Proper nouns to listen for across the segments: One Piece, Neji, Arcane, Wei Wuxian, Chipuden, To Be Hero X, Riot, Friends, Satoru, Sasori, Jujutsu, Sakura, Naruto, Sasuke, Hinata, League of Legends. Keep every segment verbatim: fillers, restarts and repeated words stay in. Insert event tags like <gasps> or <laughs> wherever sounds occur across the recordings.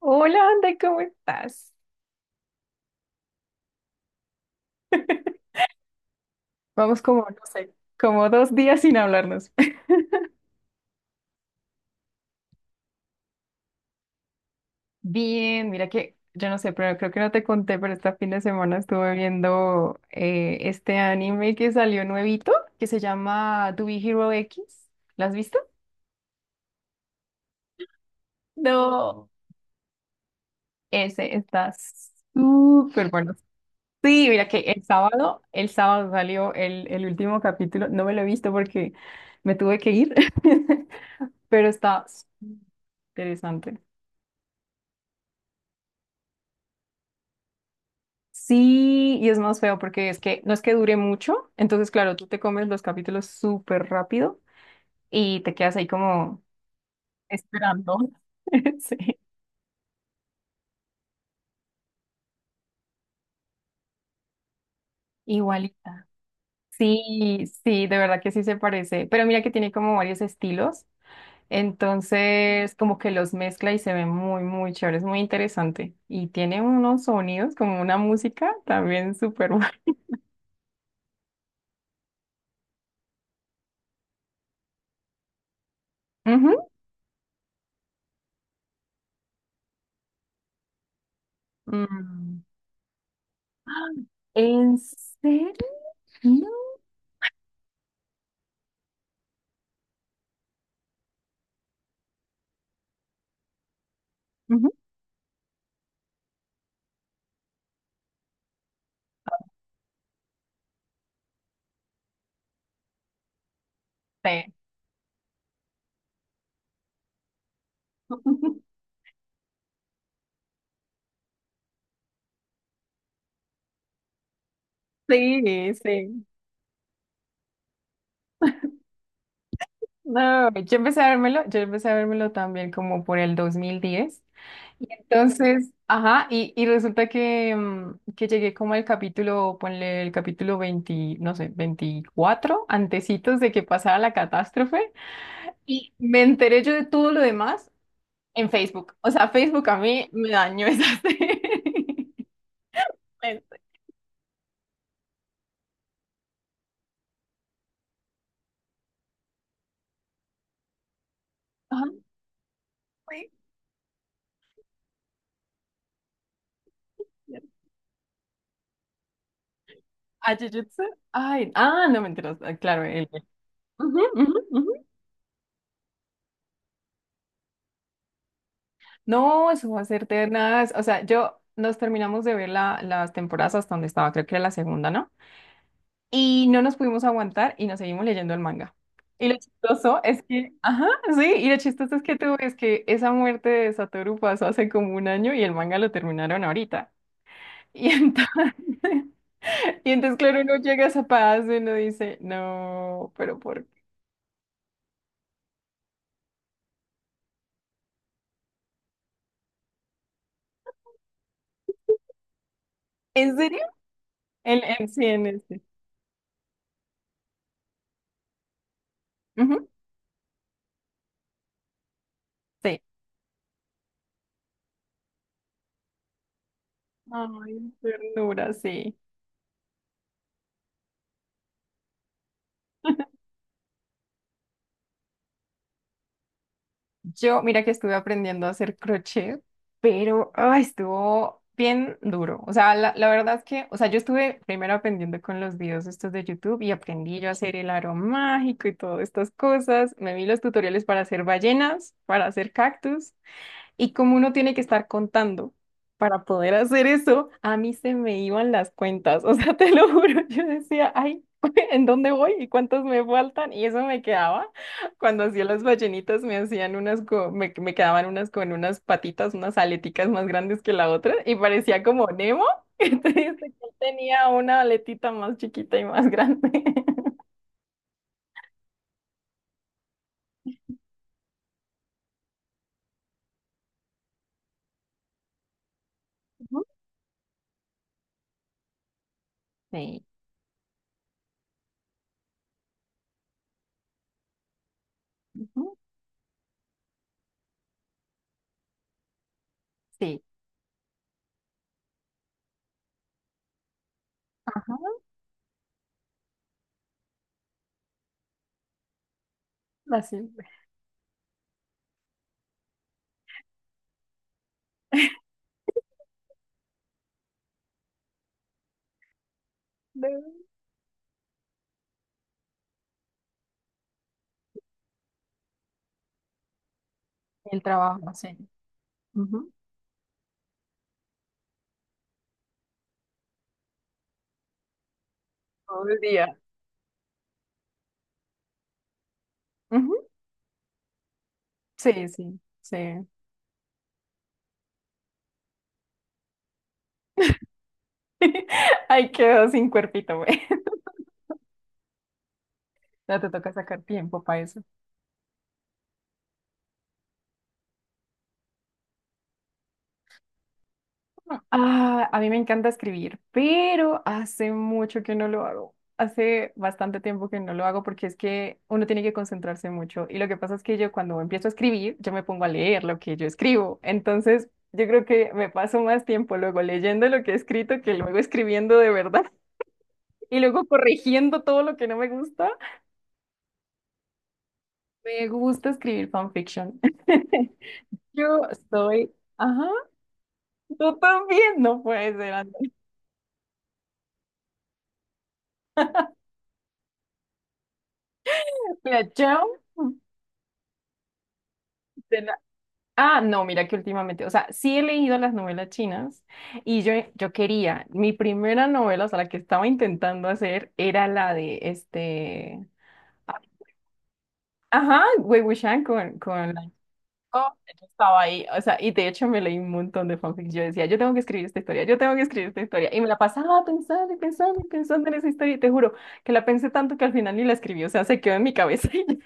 Hola, Andy, ¿cómo estás? Vamos como, no sé, como dos días sin hablarnos. <laughs> Bien, mira que, yo no sé, pero creo que no te conté, pero este fin de semana estuve viendo eh, este anime que salió nuevito, que se llama To Be Hero X. ¿Lo has visto? No. Ese está súper bueno. Sí, mira que el sábado, el sábado salió el, el último capítulo. No me lo he visto porque me tuve que ir, <laughs> pero está interesante. Sí, y es más feo porque es que no es que dure mucho, entonces claro, tú te comes los capítulos súper rápido y te quedas ahí como esperando. <laughs> Sí, igualita. Sí, sí, de verdad que sí se parece, pero mira que tiene como varios estilos, entonces como que los mezcla y se ve muy, muy chévere, es muy interesante y tiene unos sonidos como una música también súper buena. <laughs> Ujú. Mm. <gasps> ¿En serio? Ujú. Sí. <laughs> Sí, sí. No, yo empecé a vérmelo, yo empecé a vérmelo también como por el dos mil diez. Y entonces, ajá, y, y resulta que, mm, que llegué como al capítulo, ponle el capítulo veinte, no sé, veinticuatro, antecitos de que pasara la catástrofe. Y me enteré yo de todo lo demás en Facebook. O sea, Facebook a mí me dañó esa serie. <laughs> Ajá, sí. ¿A Jujutsu? Ay, ah, no me enteras. Claro, el... el- Ujú, ujú, ujú. No, eso va a ser ternas. O sea, yo nos terminamos de ver la- las temporadas hasta donde estaba, creo que era la segunda, ¿no? Y no nos pudimos aguantar y nos seguimos leyendo el manga. Y lo chistoso es que, ajá, sí, y lo chistoso es que tú ves que esa muerte de Satoru pasó hace como un año y el manga lo terminaron ahorita. Y entonces, <laughs> y entonces claro, uno llega a esa paz y uno dice, no, pero ¿por qué? ¿En serio? En, en, sí, en este. Ujú, sí. Ay, ternura, sí. Yo, mira que estuve aprendiendo a hacer crochet, pero ay, estuvo bien duro. O sea, la, la verdad es que, o sea, yo estuve primero aprendiendo con los videos estos de YouTube y aprendí yo a hacer el aro mágico y todas estas cosas. Me vi los tutoriales para hacer ballenas, para hacer cactus. Y como uno tiene que estar contando para poder hacer eso, a mí se me iban las cuentas. O sea, <laughs> te lo juro, yo decía, ay, <laughs> ¿en dónde voy y cuántos me faltan? Y eso me quedaba. Cuando hacía las ballenitas me hacían unas, co- me, me quedaban unas con unas patitas, unas aleticas más grandes que la otra y parecía como Nemo. <laughs> Entonces él tenía una aletita más chiquita y más grande. <laughs> Ujú, sí, ujú, sí. Ajá, así. de- El trabajo, sí. Ujú. Todo el día. Ujú, sí, sí, sí. <laughs> Ahí quedó sin cuerpito, güey. <laughs> Ya te toca sacar tiempo para eso. Ah, a mí me encanta escribir, pero hace mucho que no lo hago. Hace bastante tiempo que no lo hago porque es que uno tiene que concentrarse mucho. Y lo que pasa es que yo cuando empiezo a escribir, yo me pongo a leer lo que yo escribo. Entonces, yo creo que me paso más tiempo luego leyendo lo que he escrito que luego escribiendo de verdad <laughs> y luego corrigiendo todo lo que no me gusta. Me gusta escribir fanfiction. <laughs> Yo soy, ajá, tú también, no puede ser, Andrea. Mira, chao. de la- Ah, no, mira que últimamente, o sea, sí he leído las novelas chinas y yo, yo quería, mi primera novela, o sea, la que estaba intentando hacer era la de este, ajá, Wei Wuxian con, con. Oh, yo estaba ahí, o sea, y de hecho me leí un montón de fanfics. Yo decía, yo tengo que escribir esta historia, yo tengo que escribir esta historia. Y me la pasaba pensando y pensando y pensando en esa historia. Y te juro que la pensé tanto que al final ni la escribí, o sea, se quedó en mi cabeza. <laughs> Y ya.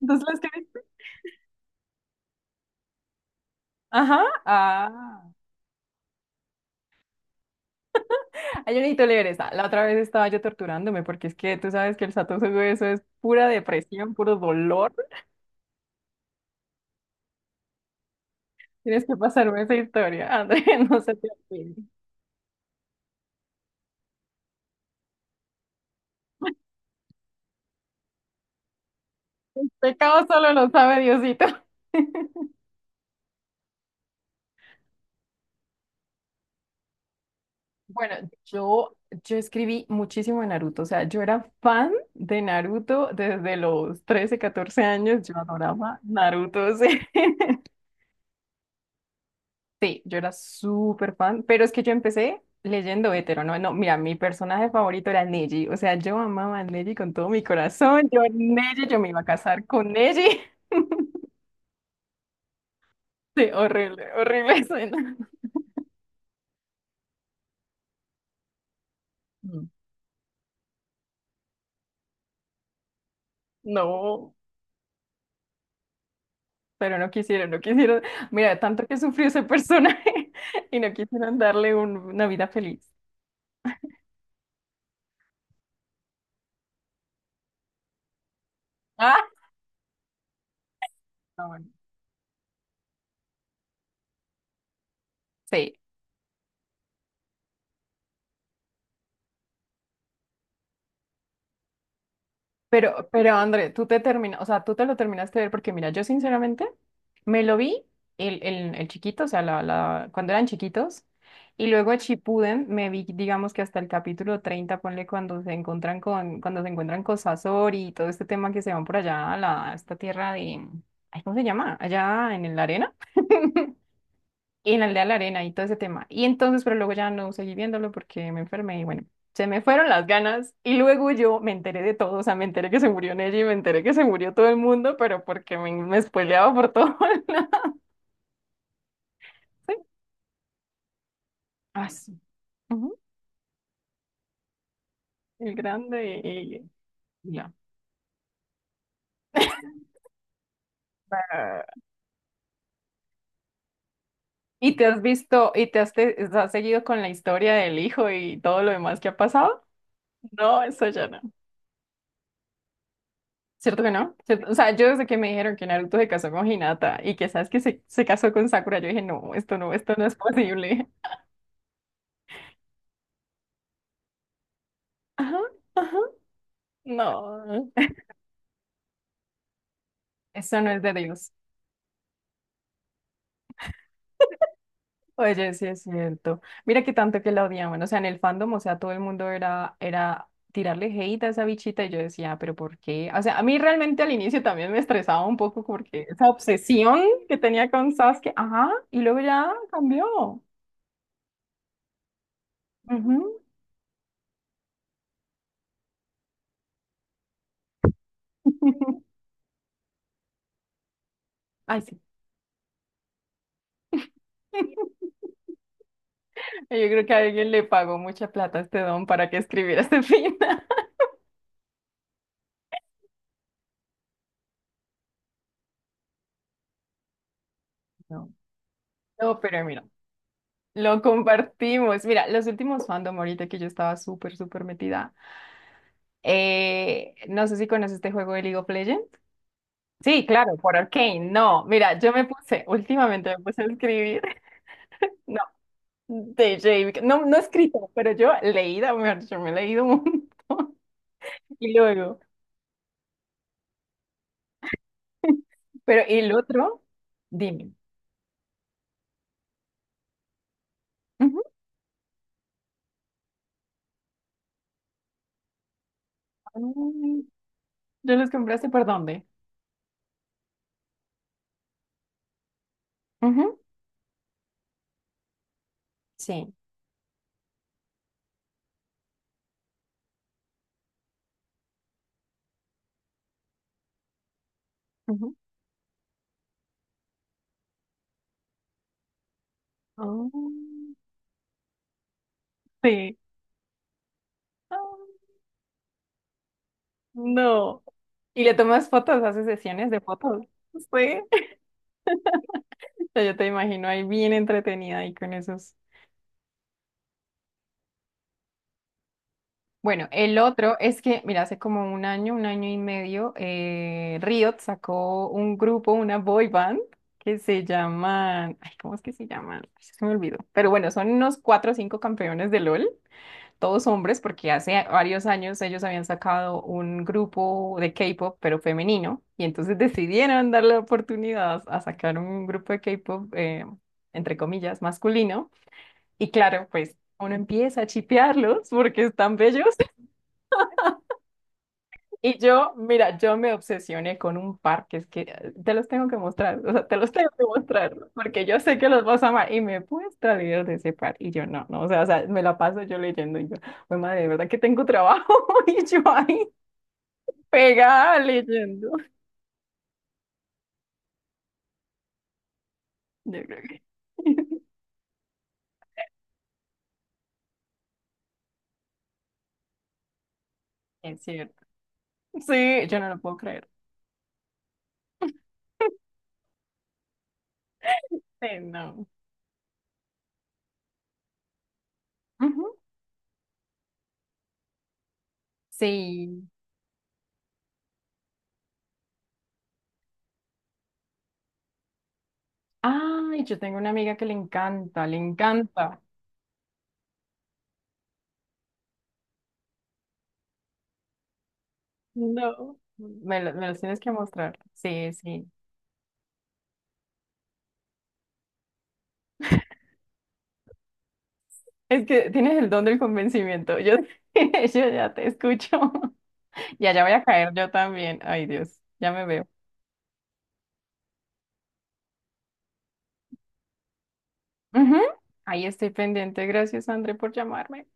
Entonces la escribí. Ajá, ah. Ay, yo necesito leer esa. La otra vez estaba yo torturándome porque es que tú sabes que el Satosu eso es pura depresión, puro dolor. Tienes que pasarme esa historia, André, <laughs> no se te olvide. Pecado solo lo sabe Diosito. <laughs> Bueno, yo, yo escribí muchísimo de Naruto, o sea, yo era fan de Naruto desde los trece, catorce años, yo adoraba Naruto, sí. <laughs> Sí, yo era súper fan, pero es que yo empecé leyendo hetero, ¿no? No, mira, mi personaje favorito era Neji, o sea, yo amaba a Neji con todo mi corazón, yo Neji, yo me iba a casar con Neji. <laughs> Sí, horrible, horrible <laughs> suena. Mm. No. Pero no quisieron, no quisieron. Mira, tanto que sufrió ese personaje <laughs> y no quisieron darle un- una vida feliz. Ah, Ah, bueno. Sí, pero, pero André, tú te terminas, o sea, tú te lo terminaste de ver porque mira, yo sinceramente me lo vi el, el, el chiquito, o sea, la, la, cuando eran chiquitos, y luego Chipuden me vi, digamos que hasta el capítulo treinta ponle cuando se encuentran con, cuando se encuentran con Sasori y todo este tema que se van por allá a la, a esta tierra de, ay, ¿cómo se llama? Allá en la arena. Y en la aldea de la arena y todo ese tema. Y entonces, pero luego ya no seguí viéndolo porque me enfermé y bueno, se me fueron las ganas. Y luego yo me enteré de todo, o sea, me enteré que se murió Nelly, me enteré que se murió todo el mundo, pero porque me, me spoileaba por todo. <laughs> Lado. Ah, sí. Ujú. El grande y, y ya. Ah, ¿y te has visto y te has, te- has seguido con la historia del hijo y todo lo demás que ha pasado? No, eso ya no. ¿Cierto que no? ¿Cierto? O sea, yo desde que me dijeron que Naruto se casó con Hinata y que sabes que se, se casó con Sakura, yo dije, no, esto no, esto no es posible. <laughs> Ajá, ajá, no. Eso no es de Dios. Oye, sí es cierto. Mira que tanto que la odiaban. O sea, en el fandom, o sea, todo el mundo era, era tirarle hate a esa bichita y yo decía, pero ¿por qué? O sea, a mí realmente al inicio también me estresaba un poco porque esa obsesión que tenía con Sasuke, ajá, y luego ya cambió. Ujú. <laughs> Ay, sí. Yo creo que alguien le pagó mucha plata a este don para que escribiera este <laughs> final. No. No, pero mira, lo compartimos. Mira, los últimos fandom ahorita que yo estaba súper, súper metida. Eh, no sé si conoces este juego de League of Legends. Sí, claro, por Arcane. No, mira, yo me puse, <laughs> últimamente me puse a escribir. <laughs> No, de J B. No, no escrito, pero yo leída, mejor dicho, me he leído un montón. <laughs> Y luego, pero y el otro, dime. Ujú. Mm, ¿Yo los compraste por dónde? Ujú, sí. Ujú. Oh, sí. Ah, no. ¿Y le tomas fotos? ¿Haces sesiones de fotos? Sí. <laughs> Ya yo te imagino ahí bien entretenida ahí con esos. Bueno, el otro es que, mira, hace como un año, un año y medio, eh, Riot sacó un grupo, una boy band, que se llaman, ay, ¿cómo es que se llaman? Ay, se me olvidó. Pero bueno, son unos cuatro o cinco campeones de L O L. Todos hombres, porque hace varios años ellos habían sacado un grupo de K-pop, pero femenino, y entonces <laughs> decidieron darle la oportunidad a sacar un grupo de K-pop, eh, entre comillas, masculino. Y claro, pues uno empieza a chipearlos porque están bellos. Y yo, mira, yo me obsesioné con un par que es que eh, te los tengo que mostrar, o sea, te los <laughs> tengo que mostrar, porque yo sé que los vas a amar y me puedes traer videos de ese par y yo no, no, o sea, o sea, me la paso yo leyendo y yo, pues madre, de verdad que tengo trabajo <laughs> y yo ahí pegada leyendo. Yo creo que <laughs> es cierto. Sí, yo no lo puedo creer. Sí, no. Ujú. Sí. Ay, yo tengo una amiga que le encanta, le encanta. No. Me lo, me los tienes que mostrar. Sí, sí. Es que tienes el don del convencimiento. Yo, <laughs> yo ya te escucho. <laughs> Ya, ya voy a caer yo también. Ay, Dios, ya me veo. Ujú. Ahí estoy pendiente. Gracias, André, por llamarme.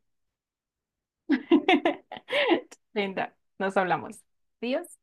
<laughs> Linda, nos hablamos. Adiós.